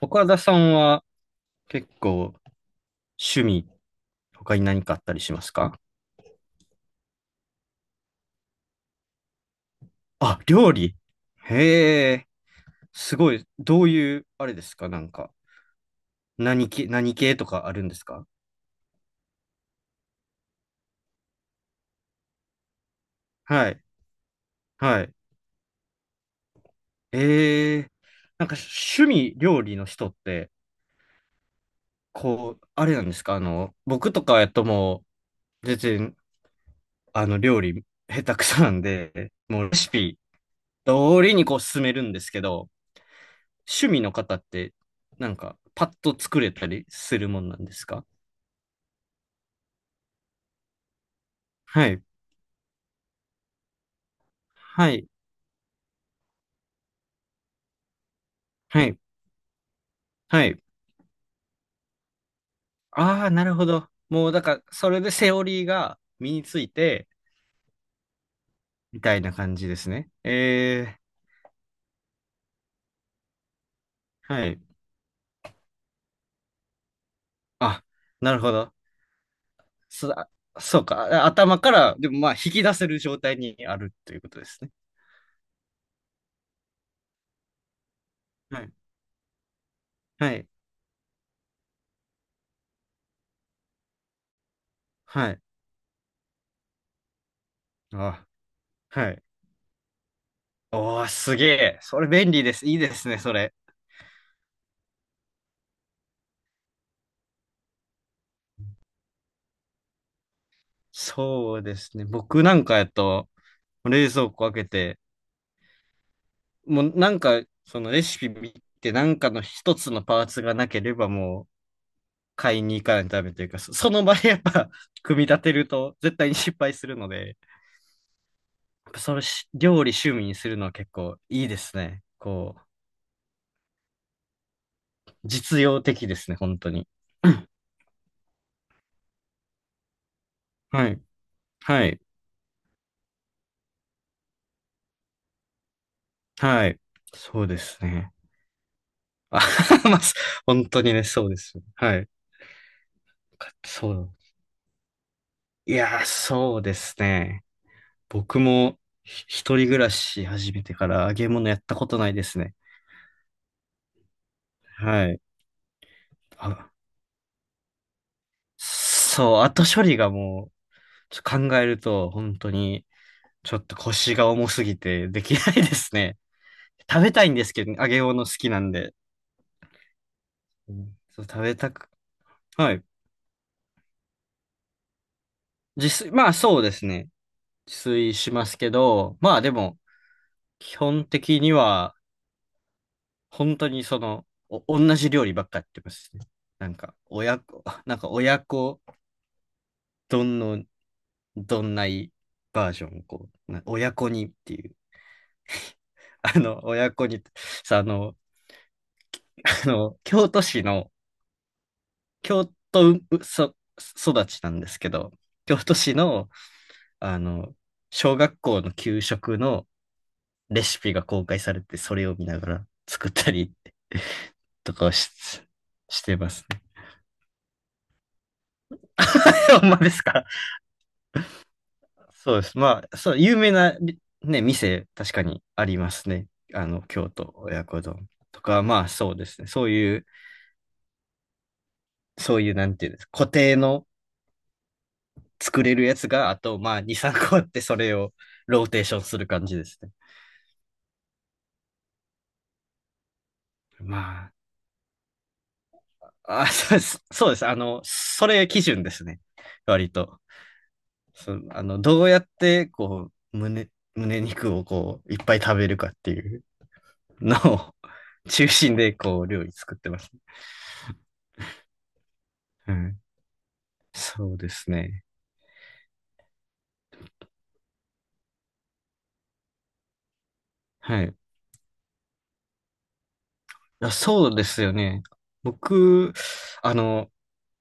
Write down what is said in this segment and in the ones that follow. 岡田さんは結構趣味、他に何かあったりしますか？あ、料理。へえ、すごい。どういう、あれですかなんか、何系とかあるんですか？はい、はい。ええ、なんか趣味、料理の人って、こう、あれなんですか僕とかやともう、全然、料理、下手くそなんで、もうレシピ、通りにこう進めるんですけど、趣味の方って、なんか、パッと作れたりするもんなんですか？はい。はい。はい。はい。ああ、なるほど。もう、だから、それでセオリーが身について、みたいな感じですね。ええ、はい。あ、なるほど。そ、あそうか。あ、頭から、でもまあ、引き出せる状態にあるということですね。はい。はい。はい。あ、はい。おー、すげえ。それ便利です。いいですね、それ。そうですね。僕なんかやと、冷蔵庫開けて、もうなんか、そのレシピ見て、なんかの一つのパーツがなければもう買いに行かないとダメというか、その場でやっぱ 組み立てると絶対に失敗するので、やっぱそれ料理趣味にするのは結構いいですね。こう、実用的ですね、本当に。うん。はい、はい、はい。そうですね。あ、 まあ、本当にね、そうですよ。はい。そう。いやー、そうですね。僕も一人暮らし始めてから揚げ物やったことないですね。はい。あ、そう、後処理がもう、考えると本当にちょっと腰が重すぎてできないですね。食べたいんですけど、揚げ物好きなんで。うん、そう、食べたく、はい。自炊、まあそうですね。自炊しますけど、まあでも、基本的には、本当にその、同じ料理ばっかやってますね。なんか、親子丼のどんないバージョンをこう、親子にっていう、あの、親子に、さ、あの、京都市の、京都うそ育ちなんですけど、京都市の、あの、小学校の給食のレシピが公開されて、それを見ながら作ったりとかをしてますね。ほんまですか？そうです。まあ、そう、有名な、ね、店、確かにありますね。京都親子丼とか、まあそうですね。そういう、なんていうんですか、固定の作れるやつが、あと、まあ、2、3個あって、それをローテーションする感じですね。まあ、あ、そうです。そうです。あの、それ基準ですね。割と。そのあの、どうやって、こう、胸肉をこう、いっぱい食べるかっていうのを 中心で、こう、料理作ってます。うん。そうですね。はい。あ、そうですよね。僕、あの、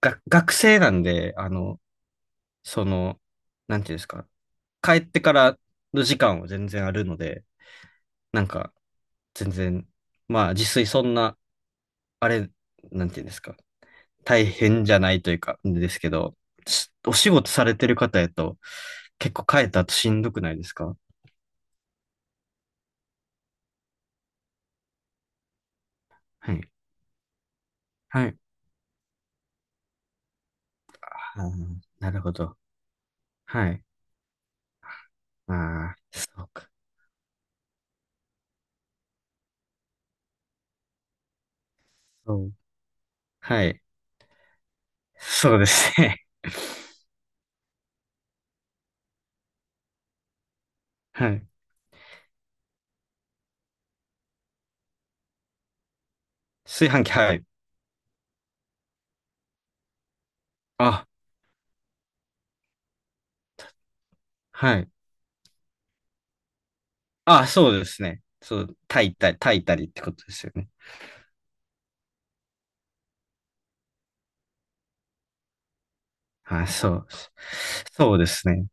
学生なんで、その、なんていうんですか、帰ってからの時間は全然あるので、なんか、全然、まあ、自炊そんな、あれ、なんていうんですか、大変じゃないというか、ですけど、お仕事されてる方やと、結構帰った後しんどくないですか？はい。はい。あー、なるほど。はい。ああ、そうか。そう。はい。そうですね。はい。炊飯器、はい。あ、はい。あ、そうですね。そう、炊いたり、炊いたりってことですよね。あ、そう。そうですね。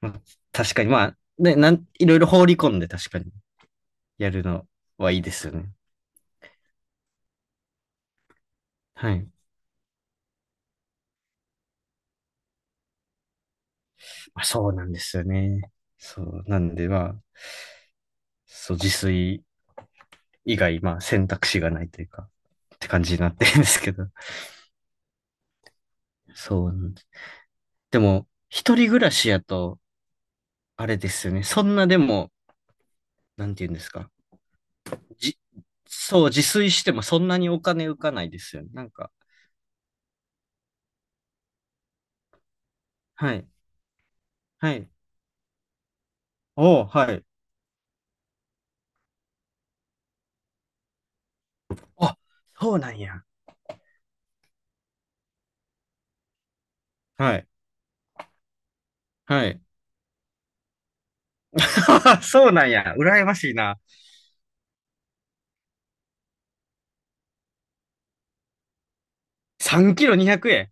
まあ、確かに、まあ、ね、いろいろ放り込んで確かにやるのはいいですよね。はい。まあ、そうなんですよね。そう。なんで、まあ、そう、自炊以外、まあ、選択肢がないというか、って感じになってるんですけど。そうなんです。でも、一人暮らしやと、あれですよね。そんなでも、なんて言うんですか。じ、そう、自炊してもそんなにお金浮かないですよね。なんか、はい。はい。おー、はい。あ、そうなんや。はい。はい。そうなんや。羨ましいな。3キロ200円。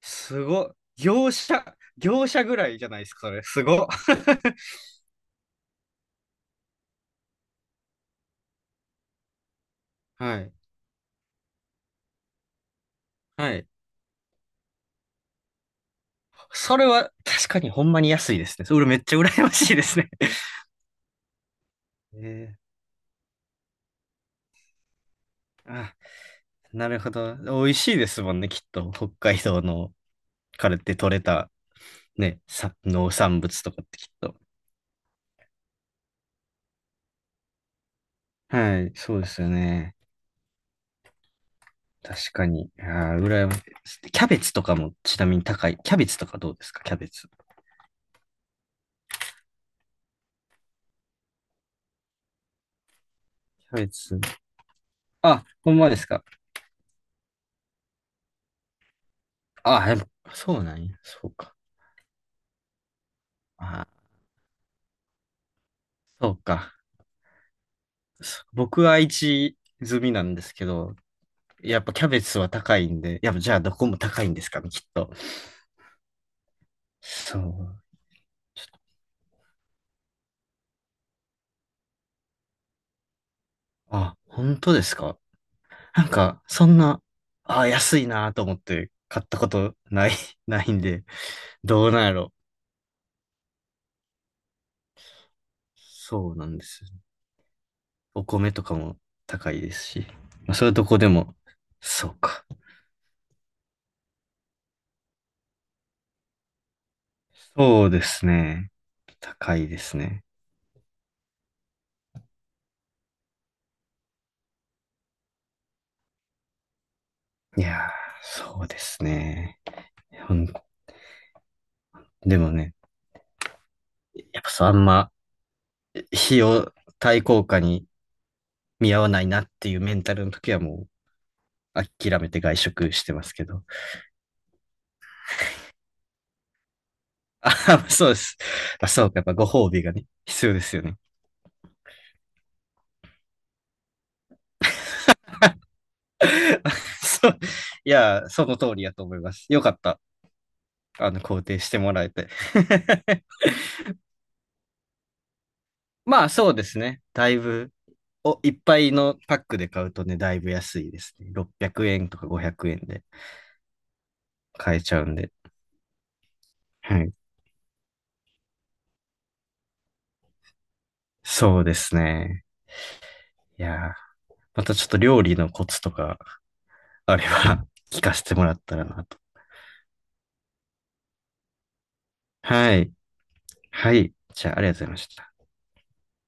すごい。業者ぐらいじゃないですか、それ。すごい。はい。はい。それは確かにほんまに安いですね。それめっちゃ羨ましいですね。えあ、なるほど。美味しいですもんね、きっと。北海道のからって取れたね、農産物とかってきっと。はい、そうですよね。確かに。ああ、羨ましい。キャベツとかもちなみに高い。キャベツとかどうですか？キャベツ。キャベツ。あ、ほんまですか？あ、でも、そうなんや。そうか。あ、そうか。僕は愛知済みなんですけど、やっぱキャベツは高いんで、やっぱじゃあどこも高いんですかね、きっと。そう。ちょっとあ、本当ですか？なんか、そんな、あ、安いなと思って買ったことない、ないんで、どうなんやろ。そうなんです。お米とかも高いですし、まあ、そういうとこでも、そうか。そうですね。高いですね。いやー、そうですね。ほんでもね、やっぱそう、あんま、費用対効果に見合わないなっていうメンタルの時はもう、諦めて外食してますけど。あ、そうです。まあ、そうか、やっぱご褒美がね、必要ですよね。あ、そう。いやー、その通りやと思います。よかった。肯定してもらえて。まあ、そうですね。だいぶ、いっぱいのパックで買うとね、だいぶ安いですね。600円とか500円で買えちゃうんで。はい。そうですね。いやー、またちょっと料理のコツとかあれば 聞かせてもらったらなと。はい。はい。じゃあ、ありがとうございました。